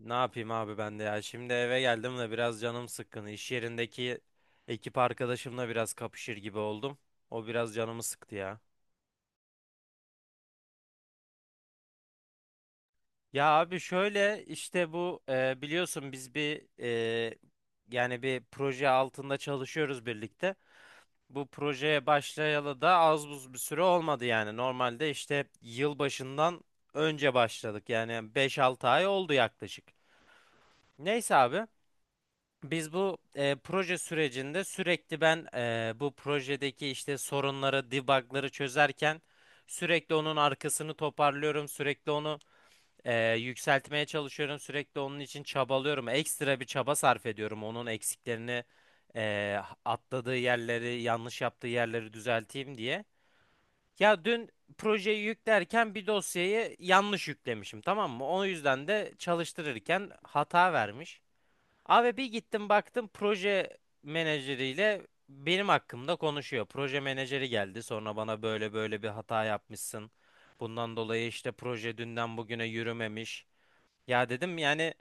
Ne yapayım abi ben de ya. Şimdi eve geldim de biraz canım sıkkın. İş yerindeki ekip arkadaşımla biraz kapışır gibi oldum. O biraz canımı sıktı ya. Ya abi şöyle işte bu biliyorsun biz bir e, yani bir proje altında çalışıyoruz birlikte. Bu projeye başlayalı da az buz bir süre olmadı yani. Normalde işte yıl başından önce başladık. Yani 5-6 ay oldu yaklaşık. Neyse abi. Biz bu proje sürecinde sürekli ben bu projedeki işte sorunları, debugları çözerken sürekli onun arkasını toparlıyorum, sürekli onu yükseltmeye çalışıyorum, sürekli onun için çabalıyorum. Ekstra bir çaba sarf ediyorum onun eksiklerini, e, atladığı yerleri, yanlış yaptığı yerleri düzelteyim diye. Ya dün projeyi yüklerken bir dosyayı yanlış yüklemişim, tamam mı? O yüzden de çalıştırırken hata vermiş. Abi bir gittim baktım proje menajeriyle benim hakkımda konuşuyor. Proje menajeri geldi sonra bana böyle böyle bir hata yapmışsın. Bundan dolayı işte proje dünden bugüne yürümemiş. Ya dedim yani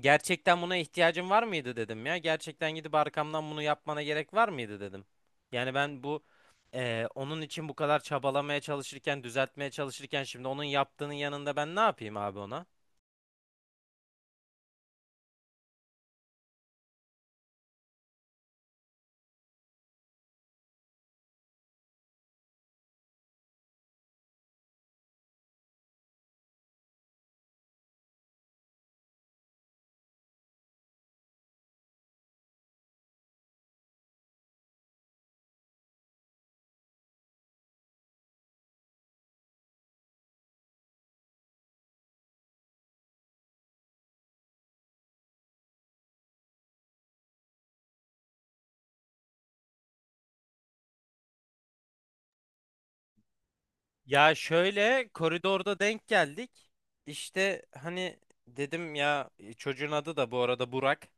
gerçekten buna ihtiyacın var mıydı dedim ya. Gerçekten gidip arkamdan bunu yapmana gerek var mıydı dedim. Yani ben bu onun için bu kadar çabalamaya çalışırken düzeltmeye çalışırken şimdi onun yaptığının yanında ben ne yapayım abi ona? Ya şöyle koridorda denk geldik. İşte hani dedim ya çocuğun adı da bu arada Burak.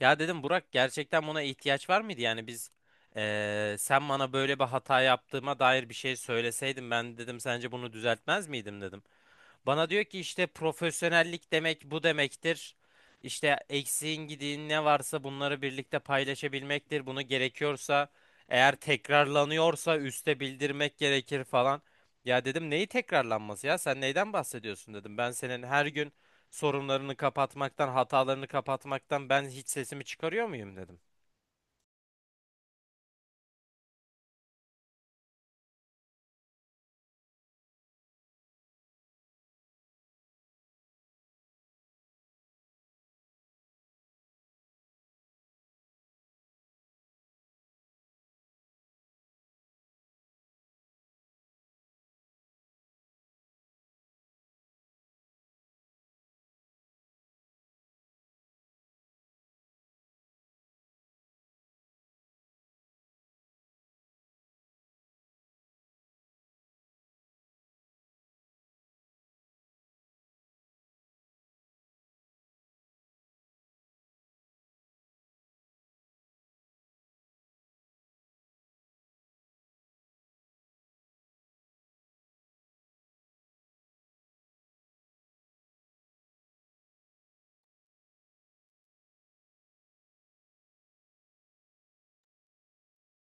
Ya dedim Burak gerçekten buna ihtiyaç var mıydı? Yani biz sen bana böyle bir hata yaptığıma dair bir şey söyleseydin ben dedim sence bunu düzeltmez miydim dedim. Bana diyor ki işte profesyonellik demek bu demektir. İşte eksiğin gidiğin ne varsa bunları birlikte paylaşabilmektir. Bunu gerekiyorsa eğer tekrarlanıyorsa üste bildirmek gerekir falan. Ya dedim neyi tekrarlanması ya sen neyden bahsediyorsun dedim. Ben senin her gün sorunlarını kapatmaktan hatalarını kapatmaktan ben hiç sesimi çıkarıyor muyum dedim.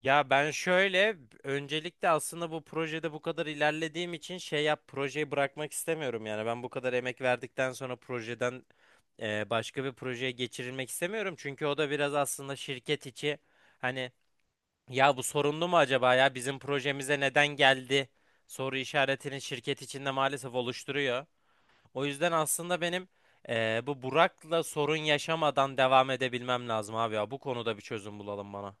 Ya ben şöyle öncelikle aslında bu projede bu kadar ilerlediğim için şey yap projeyi bırakmak istemiyorum yani ben bu kadar emek verdikten sonra projeden başka bir projeye geçirilmek istemiyorum çünkü o da biraz aslında şirket içi hani ya bu sorunlu mu acaba ya bizim projemize neden geldi soru işaretini şirket içinde maalesef oluşturuyor. O yüzden aslında benim bu Burak'la sorun yaşamadan devam edebilmem lazım abi ya bu konuda bir çözüm bulalım bana.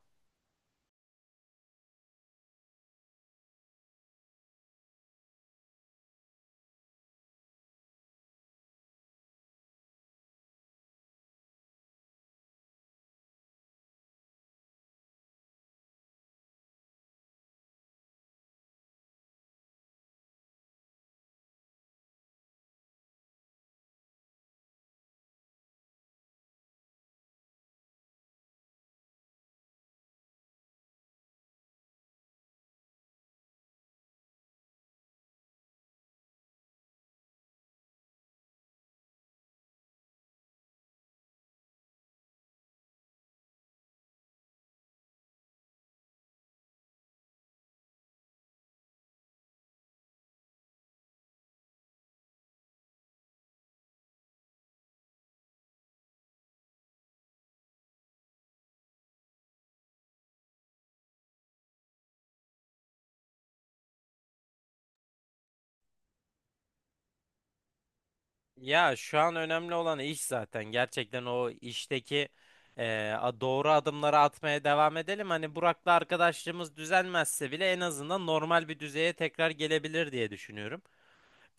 Ya şu an önemli olan iş zaten. Gerçekten o işteki doğru adımları atmaya devam edelim. Hani Burak'la arkadaşlığımız düzelmezse bile en azından normal bir düzeye tekrar gelebilir diye düşünüyorum.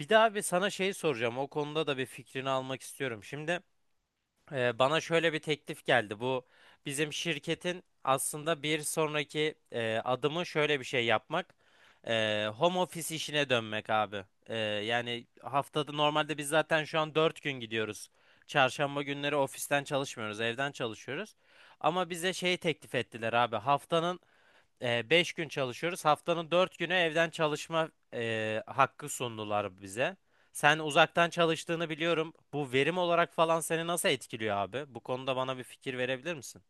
Bir daha bir sana şey soracağım. O konuda da bir fikrini almak istiyorum. Şimdi bana şöyle bir teklif geldi. Bu bizim şirketin aslında bir sonraki adımı şöyle bir şey yapmak. Home office işine dönmek abi. Yani haftada normalde biz zaten şu an 4 gün gidiyoruz. Çarşamba günleri ofisten çalışmıyoruz, evden çalışıyoruz. Ama bize şey teklif ettiler abi. Haftanın beş gün çalışıyoruz. Haftanın 4 günü evden çalışma hakkı sundular bize. Sen uzaktan çalıştığını biliyorum. Bu verim olarak falan seni nasıl etkiliyor abi? Bu konuda bana bir fikir verebilir misin?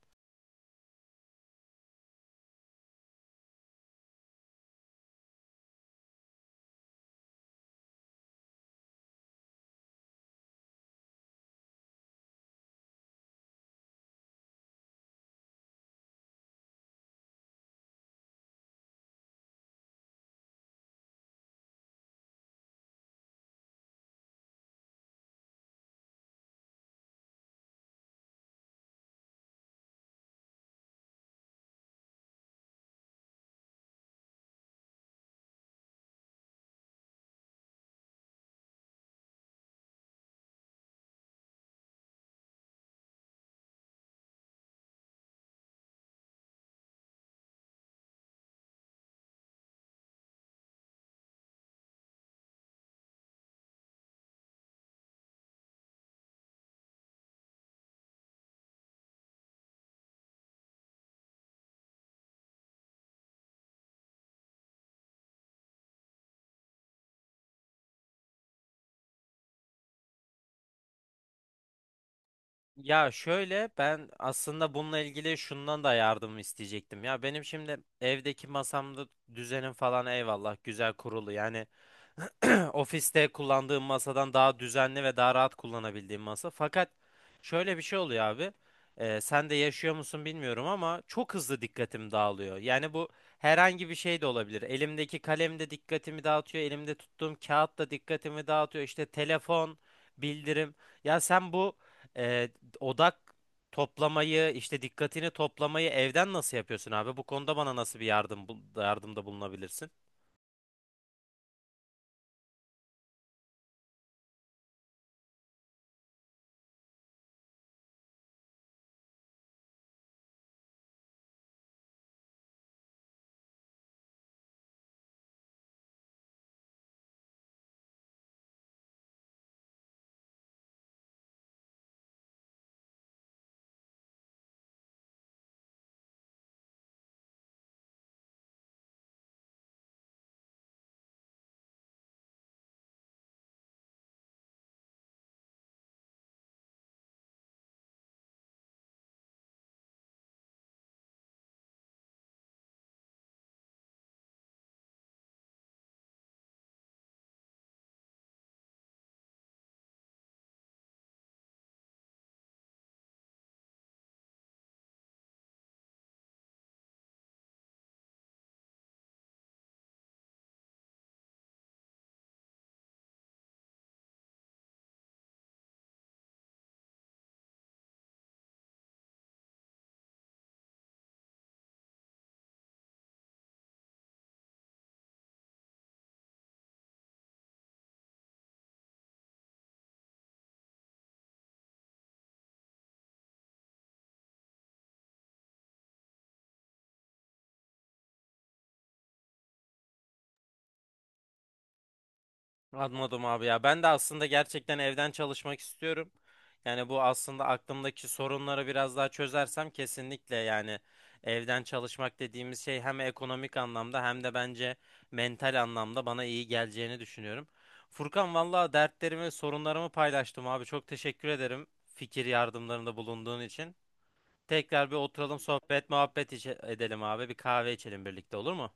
Ya şöyle ben aslında bununla ilgili şundan da yardım isteyecektim. Ya benim şimdi evdeki masamda düzenim falan eyvallah güzel kurulu. Yani ofiste kullandığım masadan daha düzenli ve daha rahat kullanabildiğim masa. Fakat şöyle bir şey oluyor abi. Sen de yaşıyor musun bilmiyorum ama çok hızlı dikkatim dağılıyor. Yani bu herhangi bir şey de olabilir. Elimdeki kalem de dikkatimi dağıtıyor. Elimde tuttuğum kağıt da dikkatimi dağıtıyor. İşte telefon, bildirim. Ya sen bu e, odak toplamayı, işte dikkatini toplamayı evden nasıl yapıyorsun abi? Bu konuda bana nasıl bir yardım yardımda bulunabilirsin? Anladım abi ya. Ben de aslında gerçekten evden çalışmak istiyorum. Yani bu aslında aklımdaki sorunları biraz daha çözersem kesinlikle yani evden çalışmak dediğimiz şey hem ekonomik anlamda hem de bence mental anlamda bana iyi geleceğini düşünüyorum. Furkan valla dertlerimi, sorunlarımı paylaştım abi. Çok teşekkür ederim fikir yardımlarında bulunduğun için. Tekrar bir oturalım sohbet muhabbet edelim abi. Bir kahve içelim birlikte olur mu?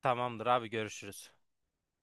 Tamamdır abi görüşürüz.